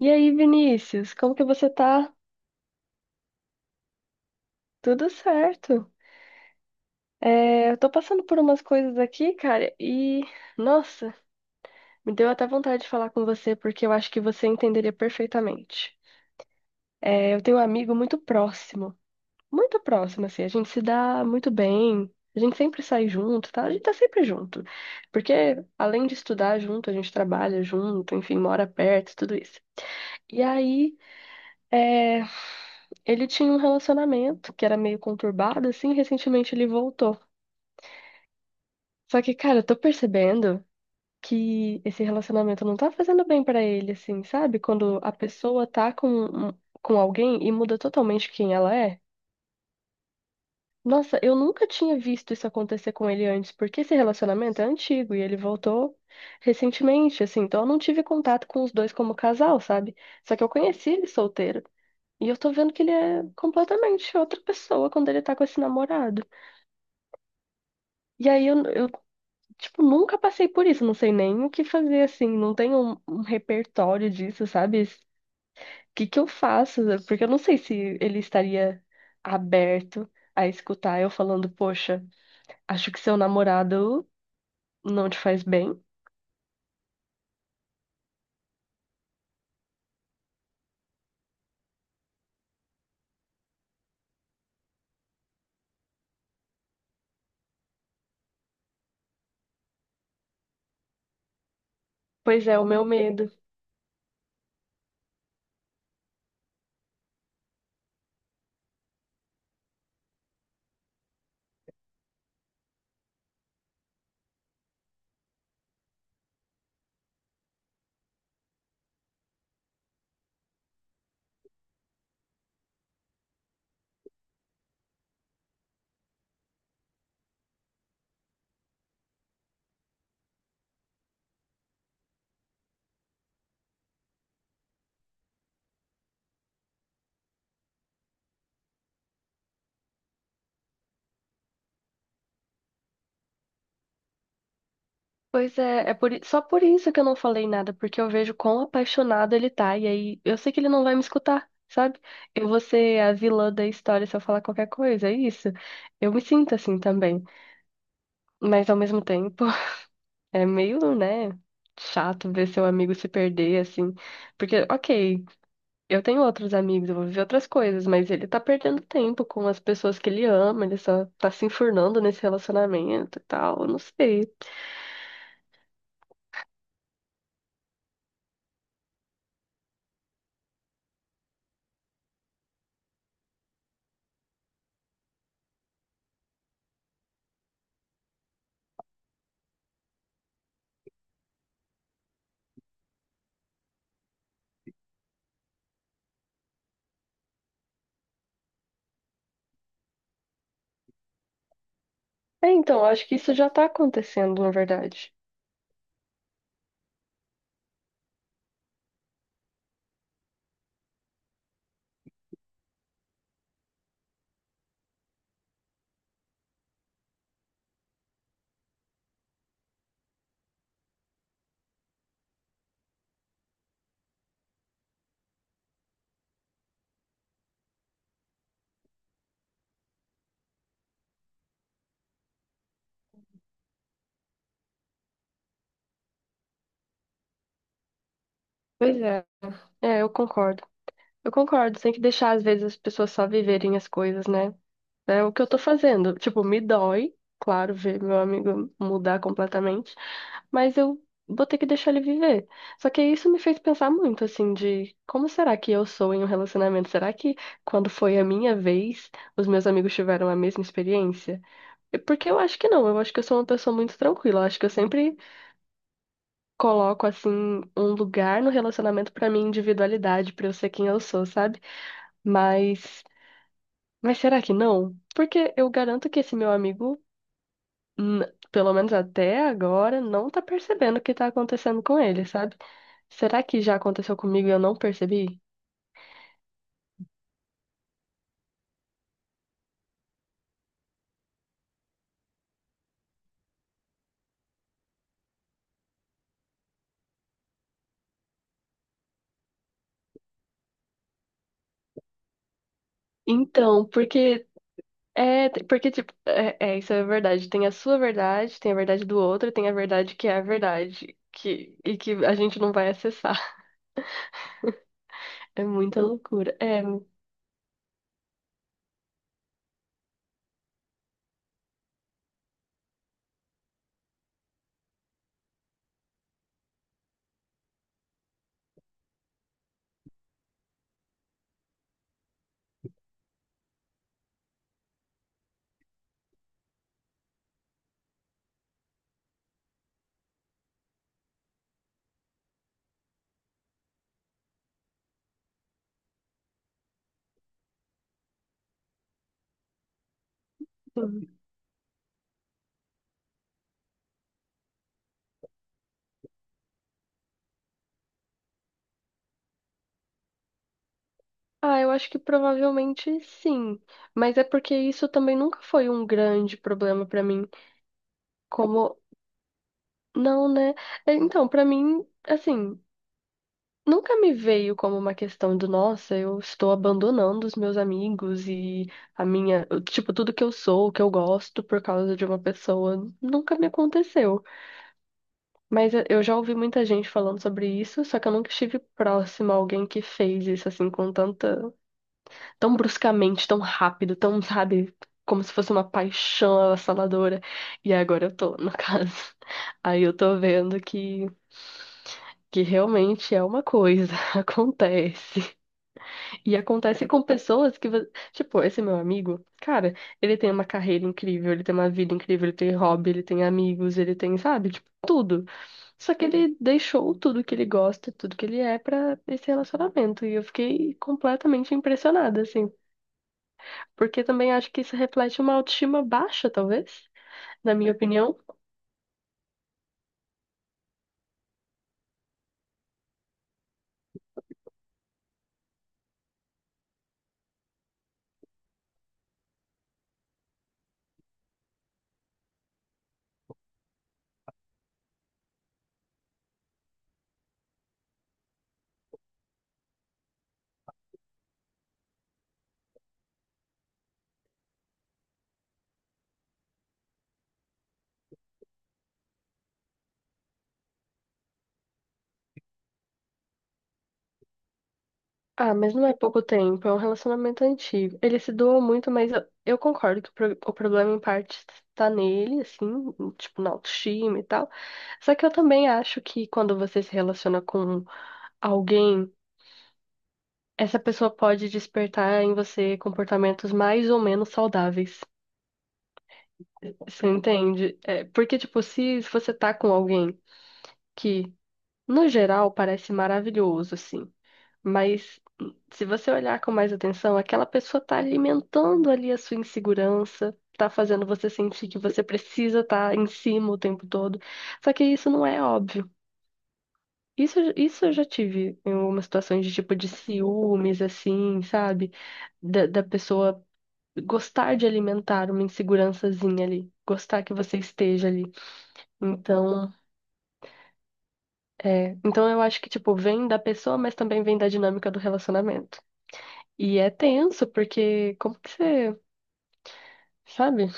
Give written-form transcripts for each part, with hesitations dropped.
E aí, Vinícius, como que você tá? Tudo certo. É, eu tô passando por umas coisas aqui, cara, e nossa, me deu até vontade de falar com você porque eu acho que você entenderia perfeitamente. É, eu tenho um amigo muito próximo, assim, a gente se dá muito bem, a gente sempre sai junto, tá? A gente tá sempre junto, porque além de estudar junto, a gente trabalha junto, enfim, mora perto, tudo isso. E aí, é, ele tinha um relacionamento que era meio conturbado, assim, e recentemente ele voltou. Só que, cara, eu tô percebendo que esse relacionamento não tá fazendo bem pra ele, assim, sabe? Quando a pessoa tá com alguém e muda totalmente quem ela é. Nossa, eu nunca tinha visto isso acontecer com ele antes, porque esse relacionamento é antigo e ele voltou recentemente, assim, então eu não tive contato com os dois como casal, sabe? Só que eu conheci ele solteiro. E eu tô vendo que ele é completamente outra pessoa quando ele tá com esse namorado. E aí tipo, nunca passei por isso, não sei nem o que fazer, assim, não tenho um repertório disso, sabe? O que que eu faço? Porque eu não sei se ele estaria aberto a escutar eu falando, poxa, acho que seu namorado não te faz bem. Pois é, o meu medo. Pois é, só por isso que eu não falei nada, porque eu vejo quão apaixonado ele tá, e aí eu sei que ele não vai me escutar, sabe? Eu vou ser a vilã da história se eu falar qualquer coisa, é isso. Eu me sinto assim também. Mas ao mesmo tempo, é meio, né, chato ver seu amigo se perder, assim. Porque, ok, eu tenho outros amigos, eu vou viver outras coisas, mas ele tá perdendo tempo com as pessoas que ele ama, ele só tá se enfurnando nesse relacionamento e tal, eu não sei. É, então, eu acho que isso já tá acontecendo, na verdade. Pois é. É, eu concordo. Eu concordo, tem que deixar, às vezes, as pessoas só viverem as coisas, né? É o que eu tô fazendo. Tipo, me dói, claro, ver meu amigo mudar completamente, mas eu vou ter que deixar ele viver. Só que isso me fez pensar muito, assim, de como será que eu sou em um relacionamento? Será que quando foi a minha vez, os meus amigos tiveram a mesma experiência? E porque eu acho que não, eu acho que eu sou uma pessoa muito tranquila. Eu acho que eu sempre coloco, assim, um lugar no relacionamento pra minha individualidade, pra eu ser quem eu sou, sabe? Mas, mas será que não? Porque eu garanto que esse meu amigo, pelo menos até agora, não tá percebendo o que tá acontecendo com ele, sabe? Será que já aconteceu comigo e eu não percebi? Então, porque é, porque tipo, isso é verdade. Tem a sua verdade, tem a verdade do outro, tem a verdade que é a verdade, que a gente não vai acessar. É muita loucura. É. Ah, eu acho que provavelmente sim, mas é porque isso também nunca foi um grande problema pra mim. Como não, né? É, então, pra mim, assim, nunca me veio como uma questão de, nossa, eu estou abandonando os meus amigos e a minha, tipo, tudo que eu sou, o que eu gosto por causa de uma pessoa. Nunca me aconteceu. Mas eu já ouvi muita gente falando sobre isso, só que eu nunca estive próxima a alguém que fez isso assim com tanta, tão bruscamente, tão rápido, tão, sabe, como se fosse uma paixão avassaladora. E agora eu tô, no caso. Aí eu tô vendo que realmente é uma coisa, acontece. E acontece com pessoas tipo, esse meu amigo, cara, ele tem uma carreira incrível, ele tem uma vida incrível, ele tem hobby, ele tem amigos, ele tem, sabe, tipo, tudo. Só que ele deixou tudo que ele gosta, tudo que ele é pra esse relacionamento. E eu fiquei completamente impressionada, assim. Porque também acho que isso reflete uma autoestima baixa, talvez, na minha opinião. Ah, mas não é pouco tempo, é um relacionamento antigo. Ele se doa muito, mas eu concordo que o problema em parte tá nele, assim, tipo, na autoestima e tal. Só que eu também acho que quando você se relaciona com alguém, essa pessoa pode despertar em você comportamentos mais ou menos saudáveis. Você entende? É, porque, tipo, se você tá com alguém que, no geral, parece maravilhoso, assim. Mas se você olhar com mais atenção, aquela pessoa tá alimentando ali a sua insegurança, tá fazendo você sentir que você precisa estar em cima o tempo todo. Só que isso não é óbvio. Isso eu já tive em algumas situações de tipo de ciúmes, assim, sabe? Da pessoa gostar de alimentar uma insegurançazinha ali, gostar que você esteja ali. Então, é, então eu acho que, tipo, vem da pessoa, mas também vem da dinâmica do relacionamento. E é tenso, porque como que você, sabe?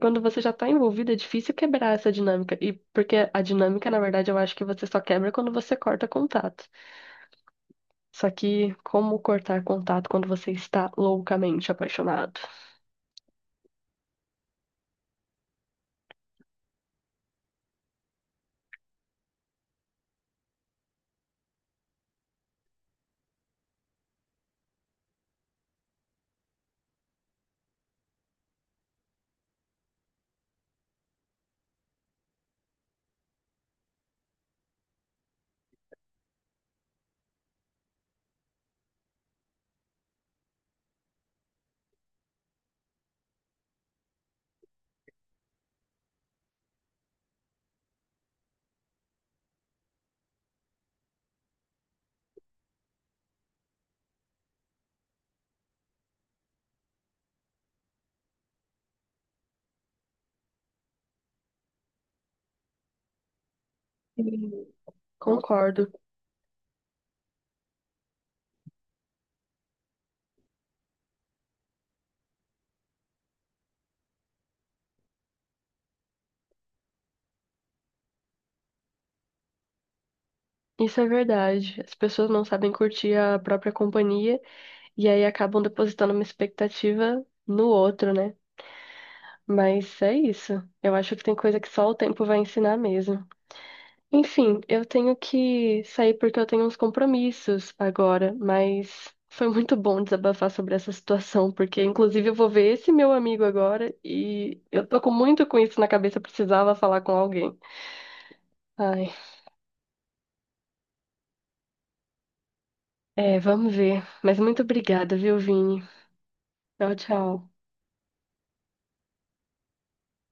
Quando você já tá envolvido, é difícil quebrar essa dinâmica. E porque a dinâmica, na verdade, eu acho que você só quebra quando você corta contato. Só que como cortar contato quando você está loucamente apaixonado? Sim. Concordo. Isso é verdade. As pessoas não sabem curtir a própria companhia e aí acabam depositando uma expectativa no outro, né? Mas é isso. Eu acho que tem coisa que só o tempo vai ensinar mesmo. Enfim, eu tenho que sair porque eu tenho uns compromissos agora, mas foi muito bom desabafar sobre essa situação, porque inclusive eu vou ver esse meu amigo agora e eu tô com muito com isso na cabeça, eu precisava falar com alguém. Ai, é, vamos ver. Mas muito obrigada, viu, Vini? Tchau, tchau.